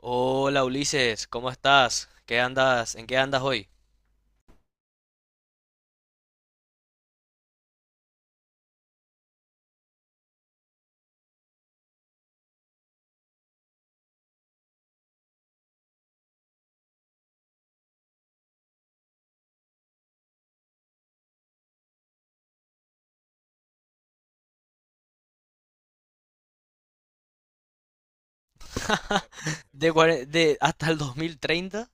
Hola Ulises, ¿cómo estás? ¿Qué andas? ¿En qué andas hoy? De, cuare- de hasta el 2030.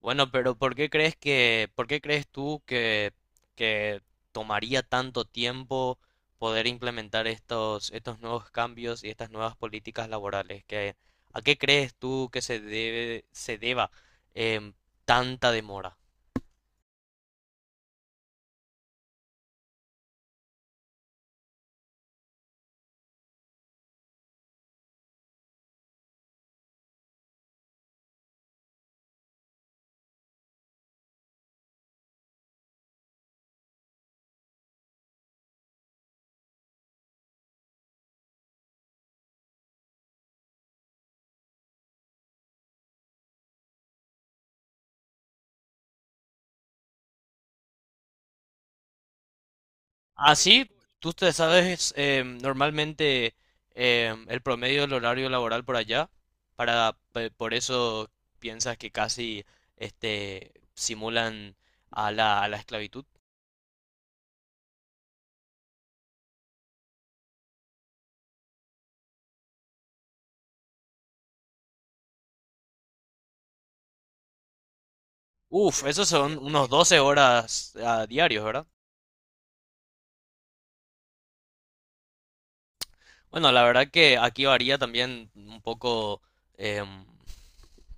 Bueno, pero ¿ por qué crees tú que tomaría tanto tiempo poder implementar estos nuevos cambios y estas nuevas políticas laborales? ¿A qué crees tú que se deba, em, tanta demora? Así, tú te sabes, normalmente, el promedio del horario laboral por allá, por eso piensas que casi este simulan a la esclavitud. Uf, esos son unos 12 horas a diarios, ¿verdad? Bueno, la verdad que aquí varía también un poco, em,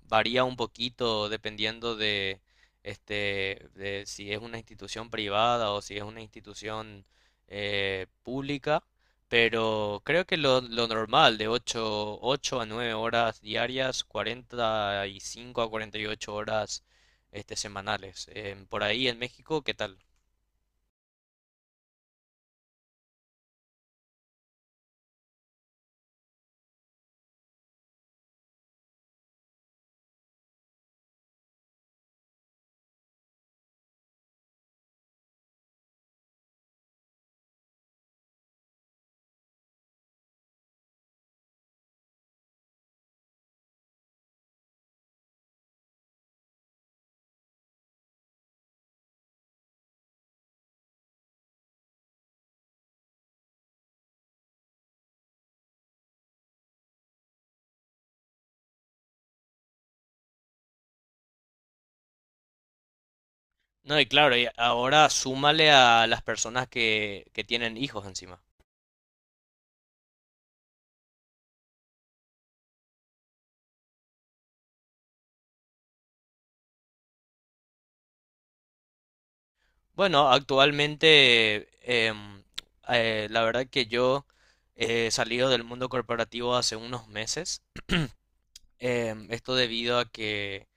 varía un poquito dependiendo de, este, de si es una institución privada o si es una institución pública, pero creo que lo, normal de 8 a 9 horas diarias, 45 a 48 horas semanales. Por ahí en México, ¿qué tal? No, y claro, y ahora súmale a las personas que tienen hijos encima. Bueno, actualmente, em, la verdad que yo he salido del mundo corporativo hace unos meses. Esto debido a que,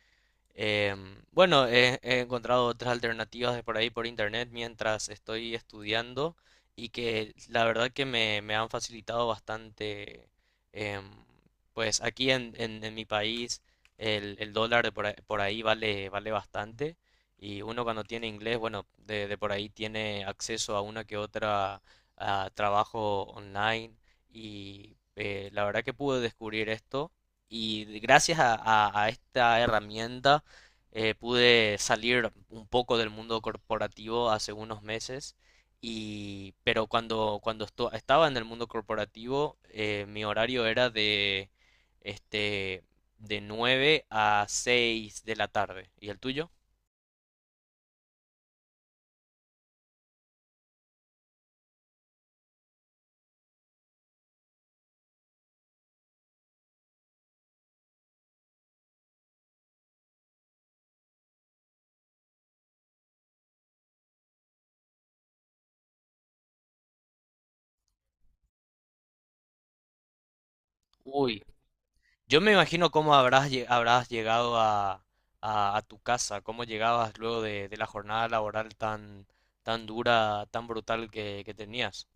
Bueno, he encontrado otras alternativas de por ahí por internet mientras estoy estudiando, y que la verdad que me han facilitado bastante. em, pues aquí en, en mi país, el dólar de por ahí vale, bastante, y uno cuando tiene inglés, bueno, de por ahí tiene acceso a una que otra, a trabajo online. Y la verdad que pude descubrir esto. Y gracias a, a esta herramienta pude salir un poco del mundo corporativo hace unos meses, y pero cuando estaba en el mundo corporativo mi horario era este de 9 a 6 de la tarde. ¿Y el tuyo? Uy, yo me imagino cómo habrás llegado a, a tu casa, cómo llegabas luego de, la jornada laboral tan dura, tan brutal que tenías.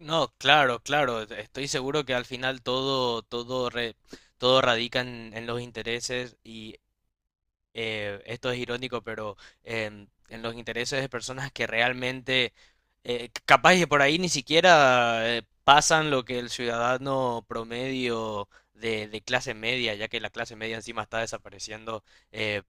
No, claro, claro. Estoy seguro que al final todo radica en los intereses, y esto es irónico, pero en los intereses de personas que realmente, capaz que por ahí ni siquiera pasan lo que el ciudadano promedio de clase media, ya que la clase media encima está desapareciendo, eh,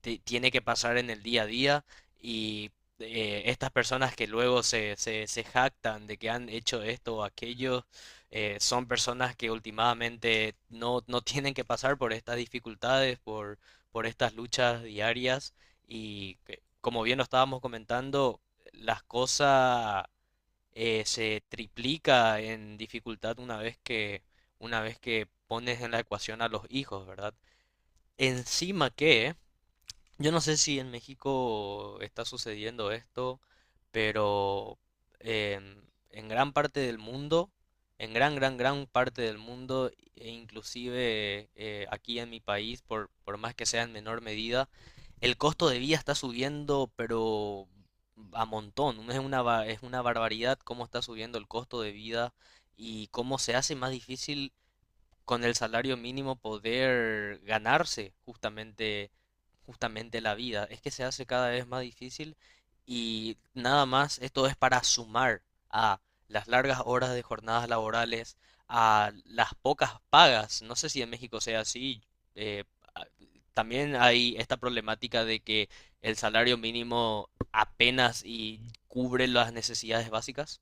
tiene que pasar en el día a día, y estas personas que luego se, se, se jactan de que han hecho esto o aquello, son personas que últimamente no, no tienen que pasar por estas dificultades, por, estas luchas diarias, y que, como bien lo estábamos comentando, las cosas se triplica en dificultad una vez que pones en la ecuación a los hijos, ¿verdad? Encima que yo no sé si en México está sucediendo esto, pero en, en, gran parte del mundo, en gran, gran, gran parte del mundo, e inclusive aquí en mi país, por más que sea en menor medida, el costo de vida está subiendo, pero a montón. Es una barbaridad cómo está subiendo el costo de vida y cómo se hace más difícil con el salario mínimo poder ganarse justamente la vida. Es que se hace cada vez más difícil, y nada más esto es para sumar a las largas horas de jornadas laborales, a las pocas pagas. No sé si en México sea así. eh, a- También hay esta problemática de que el salario mínimo apenas y cubre las necesidades básicas.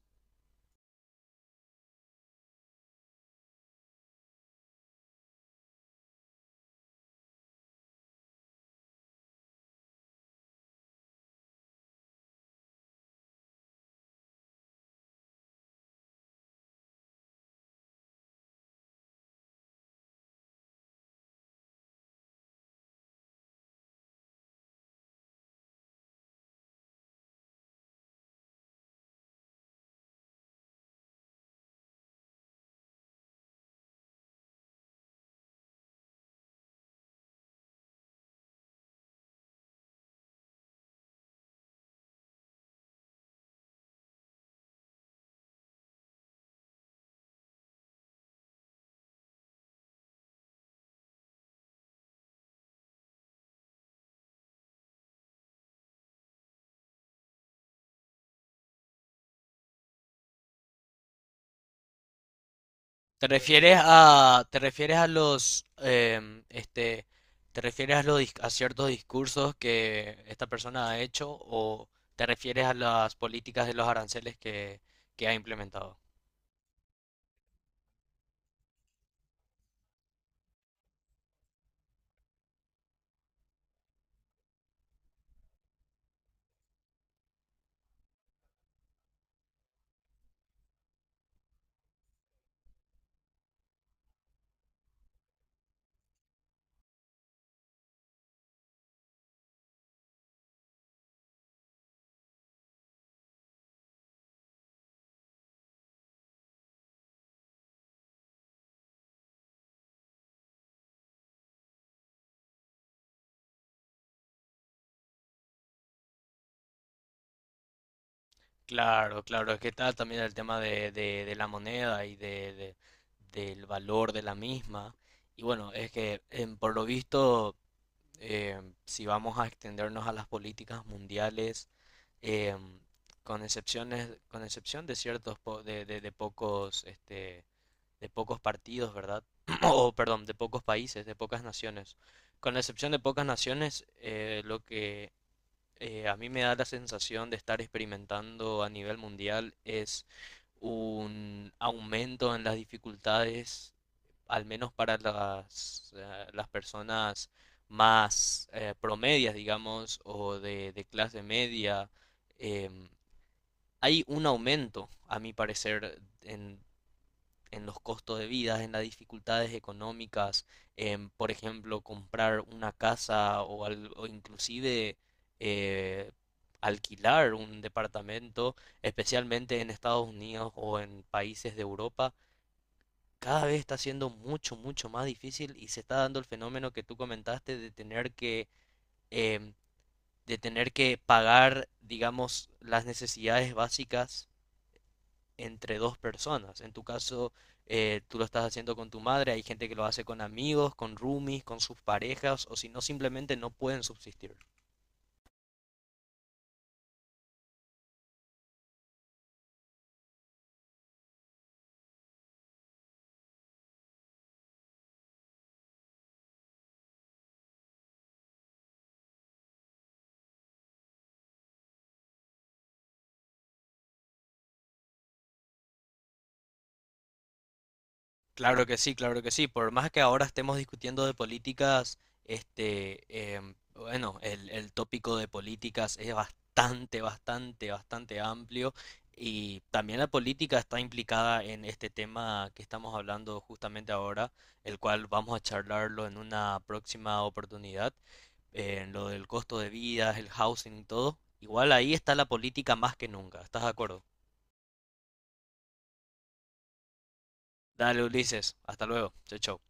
¿ Te refieres a los, a ciertos discursos que esta persona ha hecho, o te refieres a las políticas de los aranceles que ha implementado? Claro, claro, es que está también el tema de, de la moneda, y de, del valor de la misma. Y bueno, es que por lo visto, si vamos a extendernos a las políticas mundiales, eh, con excepción de ciertos po- de pocos, este, de pocos partidos, ¿verdad? O perdón, de pocos países, de pocas naciones. Con la excepción de pocas naciones, lo que a mí me da la sensación de estar experimentando a nivel mundial, es un aumento en las dificultades, al menos para las personas más promedias, digamos, o de, clase media, em, hay un aumento, a mi parecer, en los costos de vida, en las dificultades económicas, en, por ejemplo, comprar una casa, o o inclusive eh, alquilar un departamento, especialmente en Estados Unidos o en países de Europa. Cada vez está siendo mucho, mucho más difícil, y se está dando el fenómeno que tú comentaste de tener em, que pagar, digamos, las necesidades básicas entre dos personas. En tu caso, tú lo estás haciendo con tu madre, hay gente que lo hace con amigos, con roomies, con sus parejas, o si no, simplemente no pueden subsistir. Claro que sí, claro que sí. Por más que ahora estemos discutiendo de políticas, bueno, el tópico de políticas es bastante, bastante, bastante amplio. Y también la política está implicada en este tema que estamos hablando justamente ahora, el cual vamos a charlarlo en una próxima oportunidad. Lo del costo de vida, el housing y todo, igual ahí está la política más que nunca. ¿Estás de acuerdo? Dale, Ulises. Hasta luego. Chau, chau.